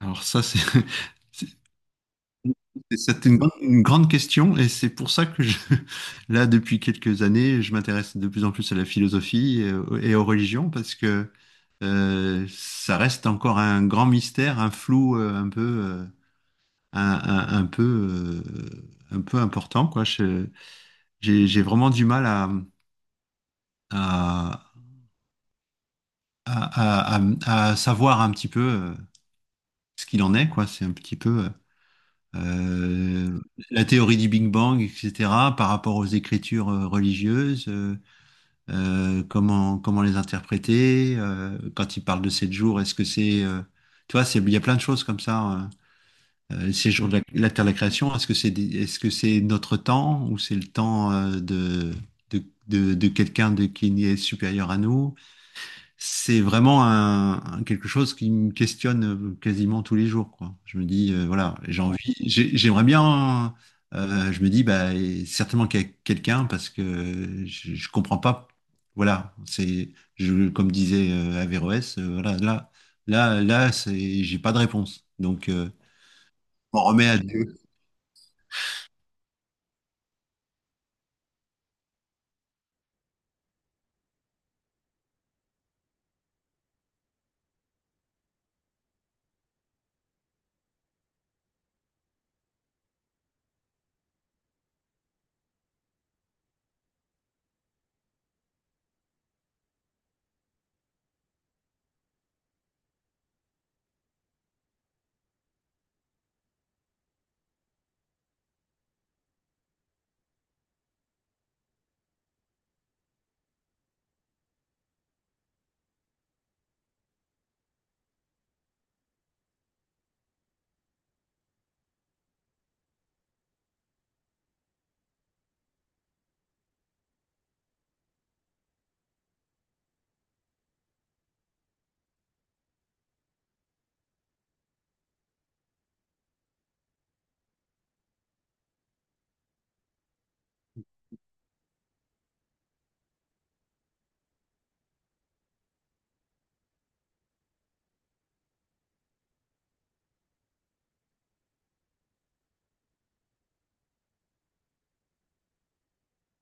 Alors ça, c'est c'est- c'est une grande question, et c'est pour ça que là, depuis quelques années, je m'intéresse de plus en plus à la philosophie et aux religions parce que ça reste encore un grand mystère, un flou un peu, un peu, un peu important, quoi. J'ai vraiment du mal à, à, à- à savoir un petit peu, ce qu'il en est, quoi. C'est un petit peu. euh, la théorie du Big Bang, etc., par rapport aux écritures religieuses, comment les interpréter, quand il parle de sept jours, est-ce que c'est... tu vois, il y a plein de choses comme ça. Ces jours de la Terre de la Création, est-ce que est-ce que c'est notre temps ou c'est le temps de quelqu'un qui est supérieur à nous? C'est vraiment quelque chose qui me questionne, quasiment tous les jours, quoi. Je me dis, voilà, j'ai Ouais. envie, j'aimerais bien, je me dis, bah, certainement qu'il y a quelqu'un parce que je comprends pas. Voilà, comme disait Averroès, voilà, là, c'est, j'ai pas de réponse. Donc, on remet à Dieu.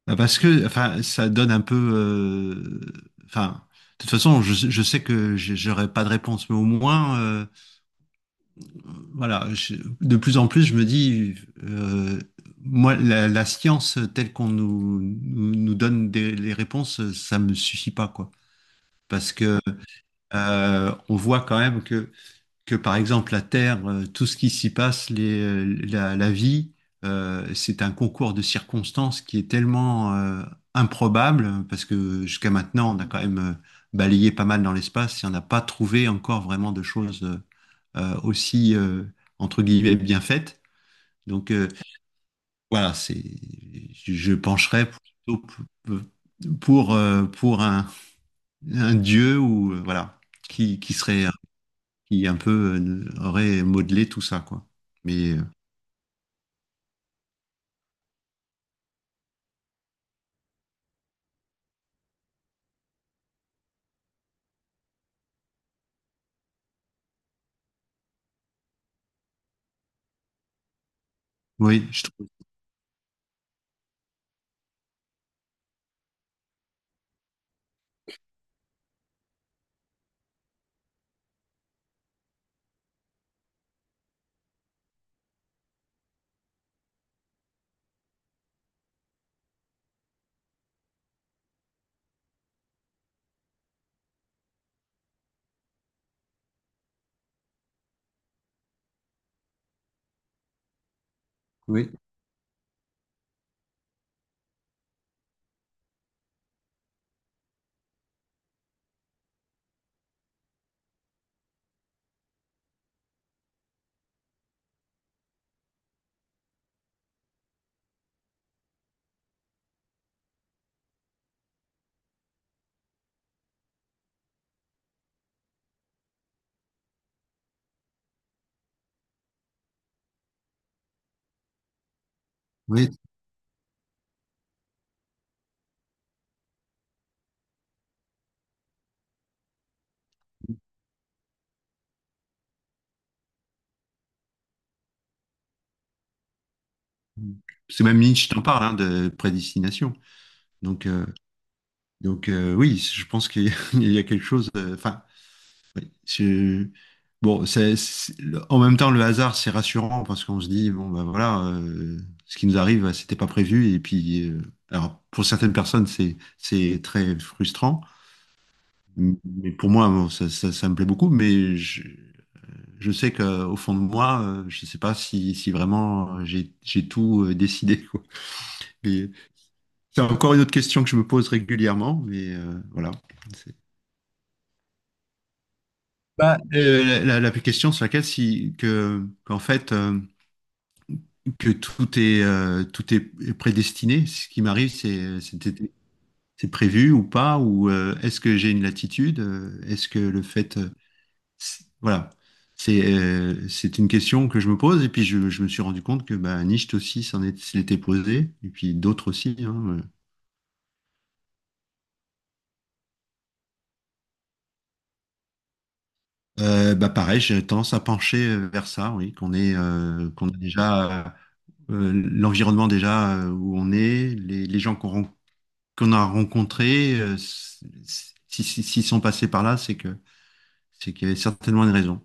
Bah, parce que, enfin, ça donne un peu, enfin, de toute façon, je sais que j'aurai pas de réponse, mais au moins. Voilà, de plus en plus, je me dis, euh, moi, la science telle qu'on nous donne les réponses, ça me suffit pas, quoi. Parce que, on voit quand même que, par exemple, la Terre, tout ce qui s'y passe, la vie, c'est un concours de circonstances qui est tellement improbable, parce que jusqu'à maintenant, on a quand même balayé pas mal dans l'espace et on n'a pas trouvé encore vraiment de choses aussi, entre guillemets, bien faite. Donc, voilà, c'est, je pencherais plutôt pour, pour, un dieu ou voilà, qui serait, qui un peu aurait modelé tout ça, quoi. Mais oui, je trouve, oui, oui. C'est même Nietzsche t'en parle, hein, de prédestination. Donc, oui, je pense qu'il y a quelque chose. Enfin, Oui, c'est- en même temps, le hasard, c'est rassurant parce qu'on se dit, bon, ben voilà, ce qui nous arrive, c'était pas prévu. Et puis, alors, pour certaines personnes, c'est très frustrant. Mais pour moi, ça me plaît beaucoup. Mais je sais qu'au fond de moi, je sais pas si vraiment, j'ai tout décidé, quoi. Mais c'est encore une autre question que je me pose régulièrement. Mais voilà. C'est- Bah, la question sur laquelle, si, que, qu'en fait, tout est prédestiné. Ce qui m'arrive, c'est prévu ou pas, ou est-ce que j'ai une latitude, est-ce que le fait, c'est- voilà, c'est, c'est une question que je me pose. Et puis je me suis rendu compte que bah, Nietzsche aussi se l'était posé, et puis d'autres aussi, hein. Bah pareil, j'ai tendance à pencher vers ça, oui, qu'on est, qu'on a déjà l'environnement déjà, où on est, les gens qu'on rencontre, qu'on a rencontrés, s'ils sont passés par là, c'est qu'il y avait certainement une raison.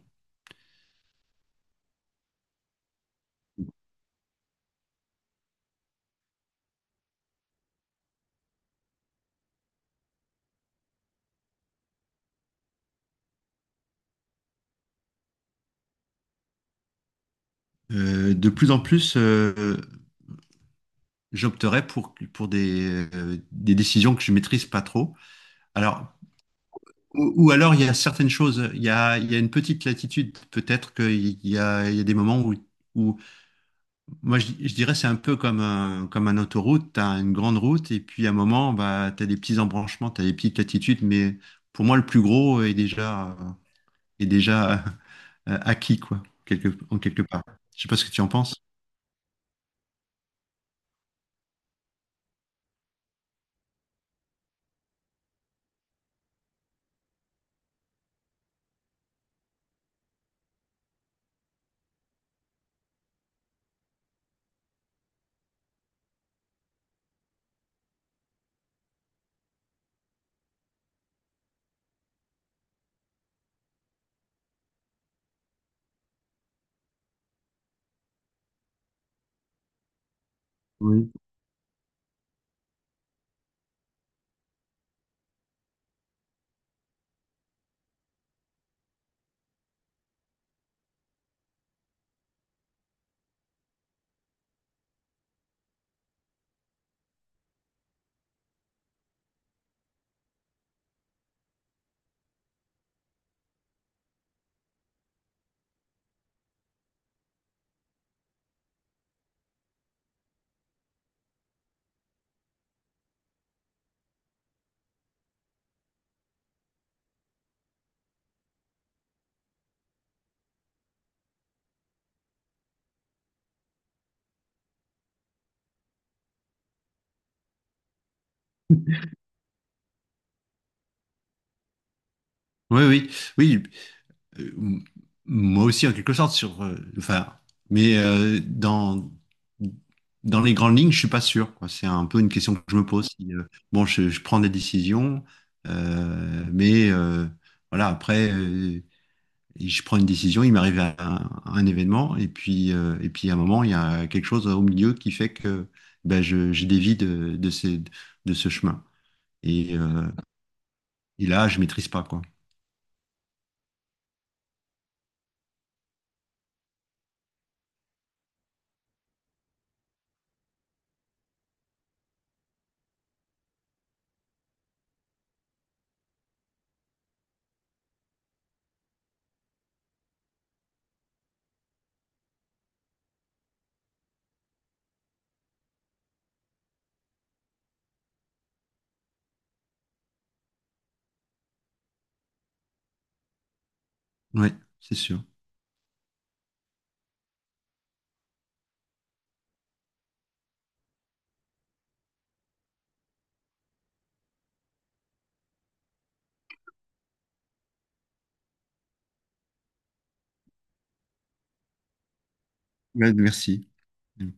De plus en plus, j'opterais pour des décisions que je maîtrise pas trop. Alors, ou alors, il y a certaines choses, il y a une petite latitude, peut-être qu'il y a des moments où moi, je dirais, c'est un peu comme comme un autoroute, tu as une grande route, et puis à un moment, bah, tu as des petits embranchements, tu as des petites latitudes, mais pour moi, le plus gros est déjà, est déjà, acquis, quoi, quelque, en quelque part. Je sais pas ce que tu en penses. Oui. Oui, oui, oui. Euh, m- Moi aussi, en quelque sorte, enfin, mais dans les grandes lignes, je suis pas sûr, quoi. C'est un peu une question que je me pose. Si, Bon, je prends des décisions, euh, mais euh, voilà, après, je prends une décision, il m'arrive un événement, et puis, à un moment, il y a quelque chose au milieu qui fait que ben, je dévie de de ce chemin. Et, euh, et là, je maîtrise pas, quoi. Ouais, c'est sûr. Ouais, merci.